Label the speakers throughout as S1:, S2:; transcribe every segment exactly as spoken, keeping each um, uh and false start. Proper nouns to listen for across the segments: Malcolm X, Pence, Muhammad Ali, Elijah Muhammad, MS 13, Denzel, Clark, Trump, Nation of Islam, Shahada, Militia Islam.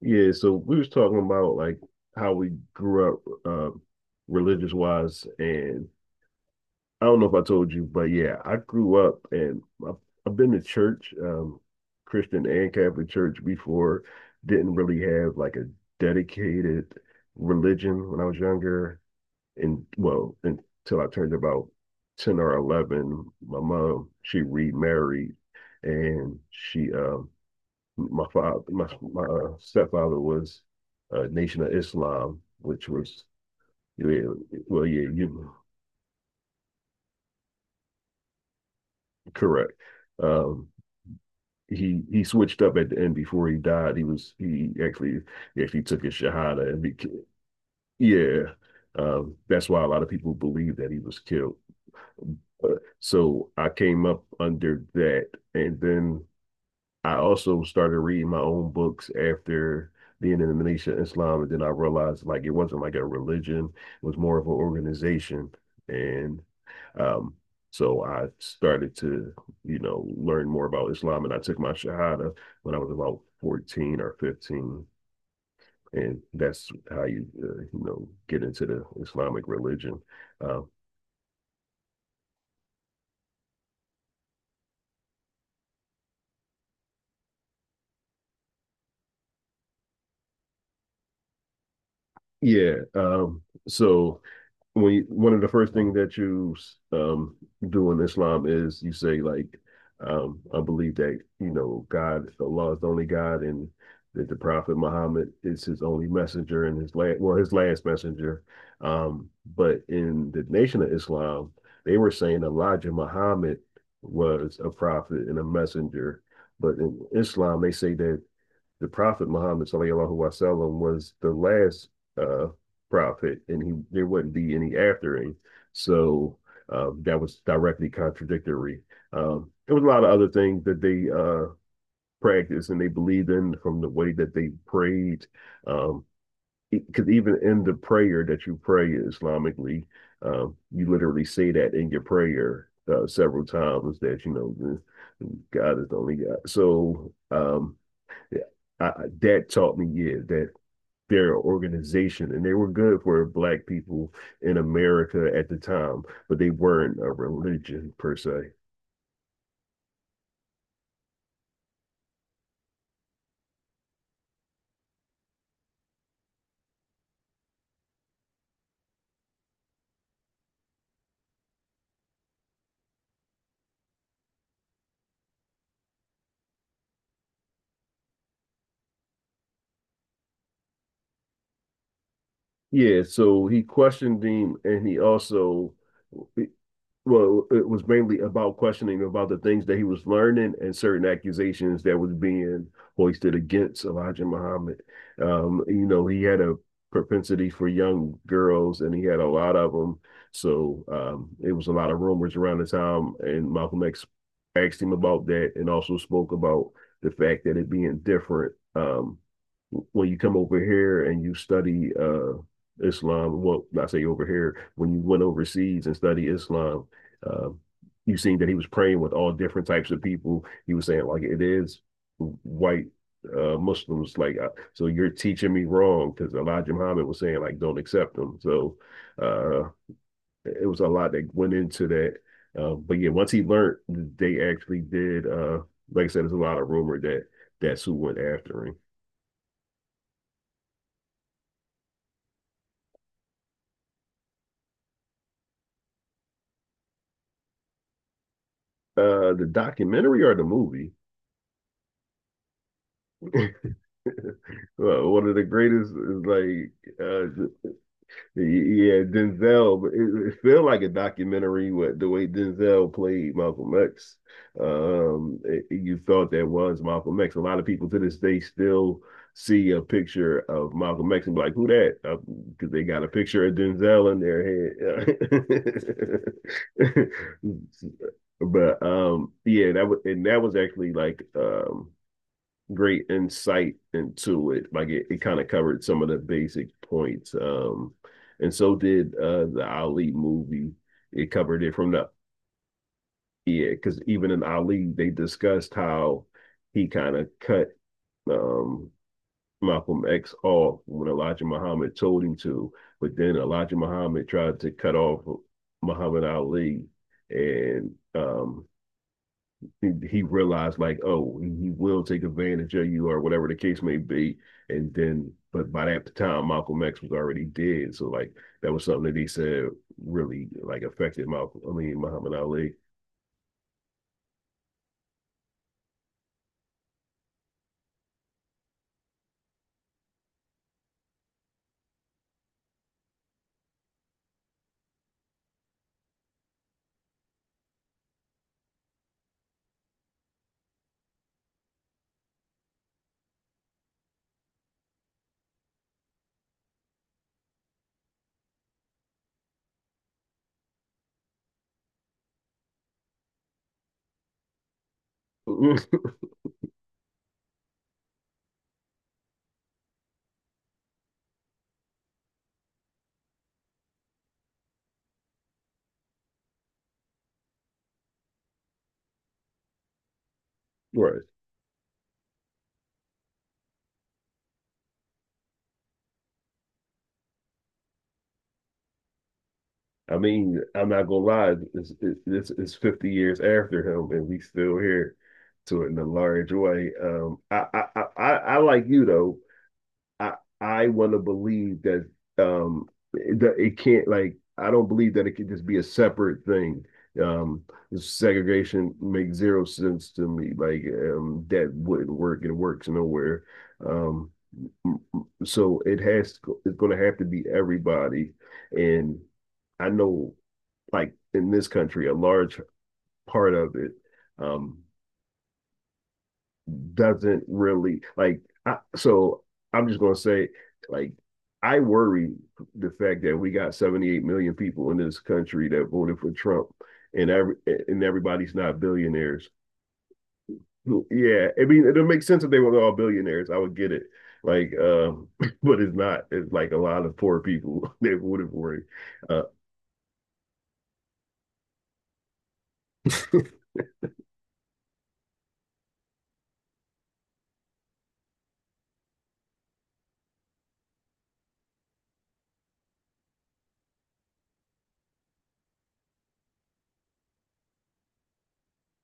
S1: Yeah, so we was talking about like how we grew up uh, religious wise, and I don't know if I told you, but yeah, I grew up and I've, I've been to church, um, Christian and Catholic church before. Didn't really have like a dedicated religion when I was younger, and well, until I turned about ten or eleven, my mom, she remarried and she uh, my father, my my uh, stepfather was uh, Nation of Islam, which was, yeah, well, yeah, you, correct. Um, he he switched up at the end before he died. He was he actually he actually took his shahada and became, Yeah. Um, that's why a lot of people believe that he was killed. Uh, so I came up under that, and then I also started reading my own books after being in the Militia Islam, and then I realized like it wasn't like a religion, it was more of an organization. And um, so I started to, you know, learn more about Islam, and I took my Shahada when I was about fourteen or fifteen. And that's how you, uh, you know, get into the Islamic religion. Uh, yeah. Um, so when you, one of the first things that you um do in Islam is you say like um I believe that you know God Allah is the only God and that the Prophet Muhammad is his only messenger and his last well his last messenger. Um, but in the Nation of Islam, they were saying Elijah Muhammad was a prophet and a messenger. But in Islam, they say that the Prophet Muhammad sallallahu alaihi wasallam was the last uh, prophet, and he there wouldn't be any after him. So uh, that was directly contradictory. Um, there was a lot of other things that they uh, practiced and they believed in from the way that they prayed. Um, because even in the prayer that you pray Islamically, um, you literally say that in your prayer uh, several times that you know God is the only God. So um, yeah. I, Dad taught me, yeah, that they're an organization and they were good for black people in America at the time, but they weren't a religion per se. Yeah, so he questioned him and he also well, it was mainly about questioning about the things that he was learning and certain accusations that was being hoisted against Elijah Muhammad. Um, you know, he had a propensity for young girls, and he had a lot of them. So um, it was a lot of rumors around the time, and Malcolm X asked him about that, and also spoke about the fact that it being different, um, when you come over here and you study uh Islam, well, I say over here, when you went overseas and study Islam, uh, you seen that he was praying with all different types of people. He was saying like it is white, uh, Muslims, like, uh, so you're teaching me wrong because Elijah Muhammad was saying like don't accept them. So uh, it was a lot that went into that. Uh, but yeah, once he learned, they actually did. Uh, like I said, there's a lot of rumor that that's who went after him. Uh the documentary or the movie. Uh, one of the greatest is like uh yeah, Denzel. It, it feel like a documentary with the way Denzel played Malcolm X. Um, it- you thought that was Malcolm X. A lot of people to this day still see a picture of Malcolm X and be like, "Who that?" Because uh, they got a picture of Denzel in their head. But um, yeah, that was and that was actually like um great insight into it. Like it, it kind of covered some of the basic points. Um, and so did uh, the Ali movie. It covered it from the yeah, because even in Ali, they discussed how he kind of cut um, Malcolm X off when Elijah Muhammad told him to, but then Elijah Muhammad tried to cut off Muhammad Ali, and um, he, he realized like, oh, he will take advantage of you or whatever the case may be. And then, but by that time, Malcolm X was already dead. So like that was something that he said really like affected Malcolm. I mean, Muhammad Ali. Right. I mean, I'm not gonna lie. It's, it's it's fifty years after him, and we still here to it in a large way. Um, I I I, I like you though I I want to believe that um that it can't. Like, I don't believe that it could just be a separate thing. Um, segregation makes zero sense to me. Like, um, that wouldn't work. It works nowhere. Um, so it has to, it's going to have to be everybody. And I know, like in this country, a large part of it, um, doesn't really like. I, so I'm just gonna say, like, I worry the fact that we got seventy-eight million people in this country that voted for Trump, and every and everybody's not billionaires. Yeah, I mean, it'll make sense if they were all billionaires. I would get it. Like, um, but it's not. It's like a lot of poor people that voted for it. Uh,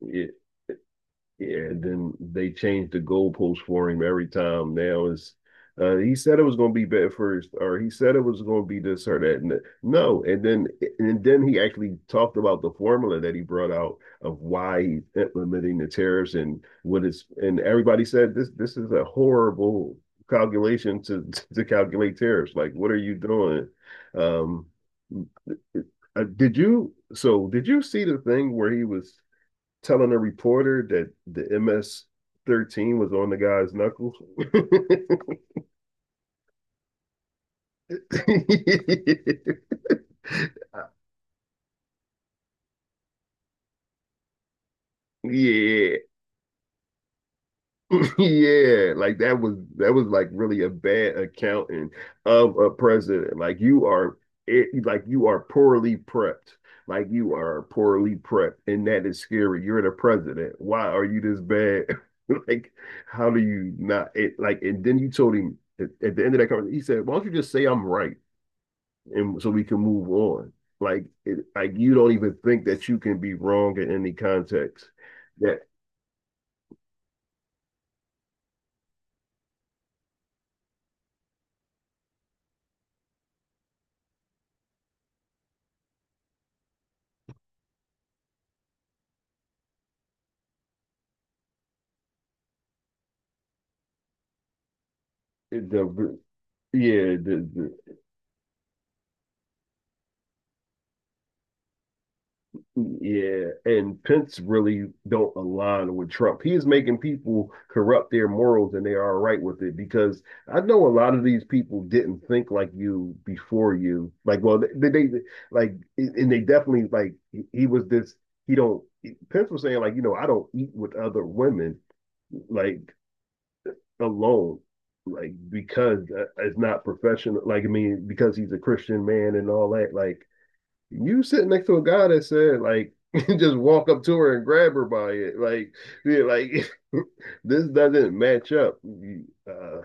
S1: yeah, yeah, and then they changed the goalpost for him every time. Now it's uh, He said it was going to be bad first, or he said it was going to be this or that. N- No, and then and then he actually talked about the formula that he brought out of why he's implementing the tariffs and what is. And everybody said this this is a horrible calculation to to calculate tariffs. Like, what are you doing? Um, uh, did you so did you see the thing where he was telling a reporter that the M S thirteen was on the guy's knuckles. Yeah. Yeah. Like that was that was like really a bad accounting of a president. Like you are it, like you are poorly prepped. Like you are poorly prepped, and that is scary. You're the president. Why are you this bad? Like, how do you not? It, like, and then you told him at, at the end of that conversation, he said, "Why don't you just say I'm right?" and so we can move on. Like it, like you don't even think that you can be wrong in any context. That the yeah the, the yeah and Pence really don't align with Trump. He is making people corrupt their morals and they are all right with it because I know a lot of these people didn't think like you before you. Like, well, they, they, like, and they definitely like he was this, he don't, Pence was saying like you know I don't eat with other women, like, alone, like because uh, it's not professional. Like, I mean, because he's a Christian man and all that. Like you sitting next to a guy that said like just walk up to her and grab her by it. Like, yeah, like this doesn't match up. Uh,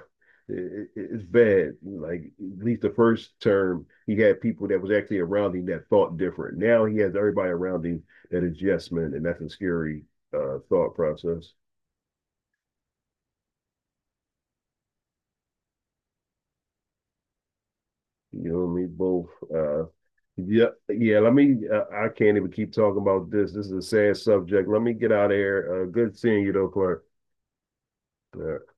S1: it, it's bad. Like at least the first term, he had people that was actually around him that thought different. Now he has everybody around him that is yes men, and that's a scary, uh, thought process. You know what I mean? Both uh, Yeah, yeah. Let me. Uh, I can't even keep talking about this. This is a sad subject. Let me get out of here. Uh, good seeing you, though, Clark. All right.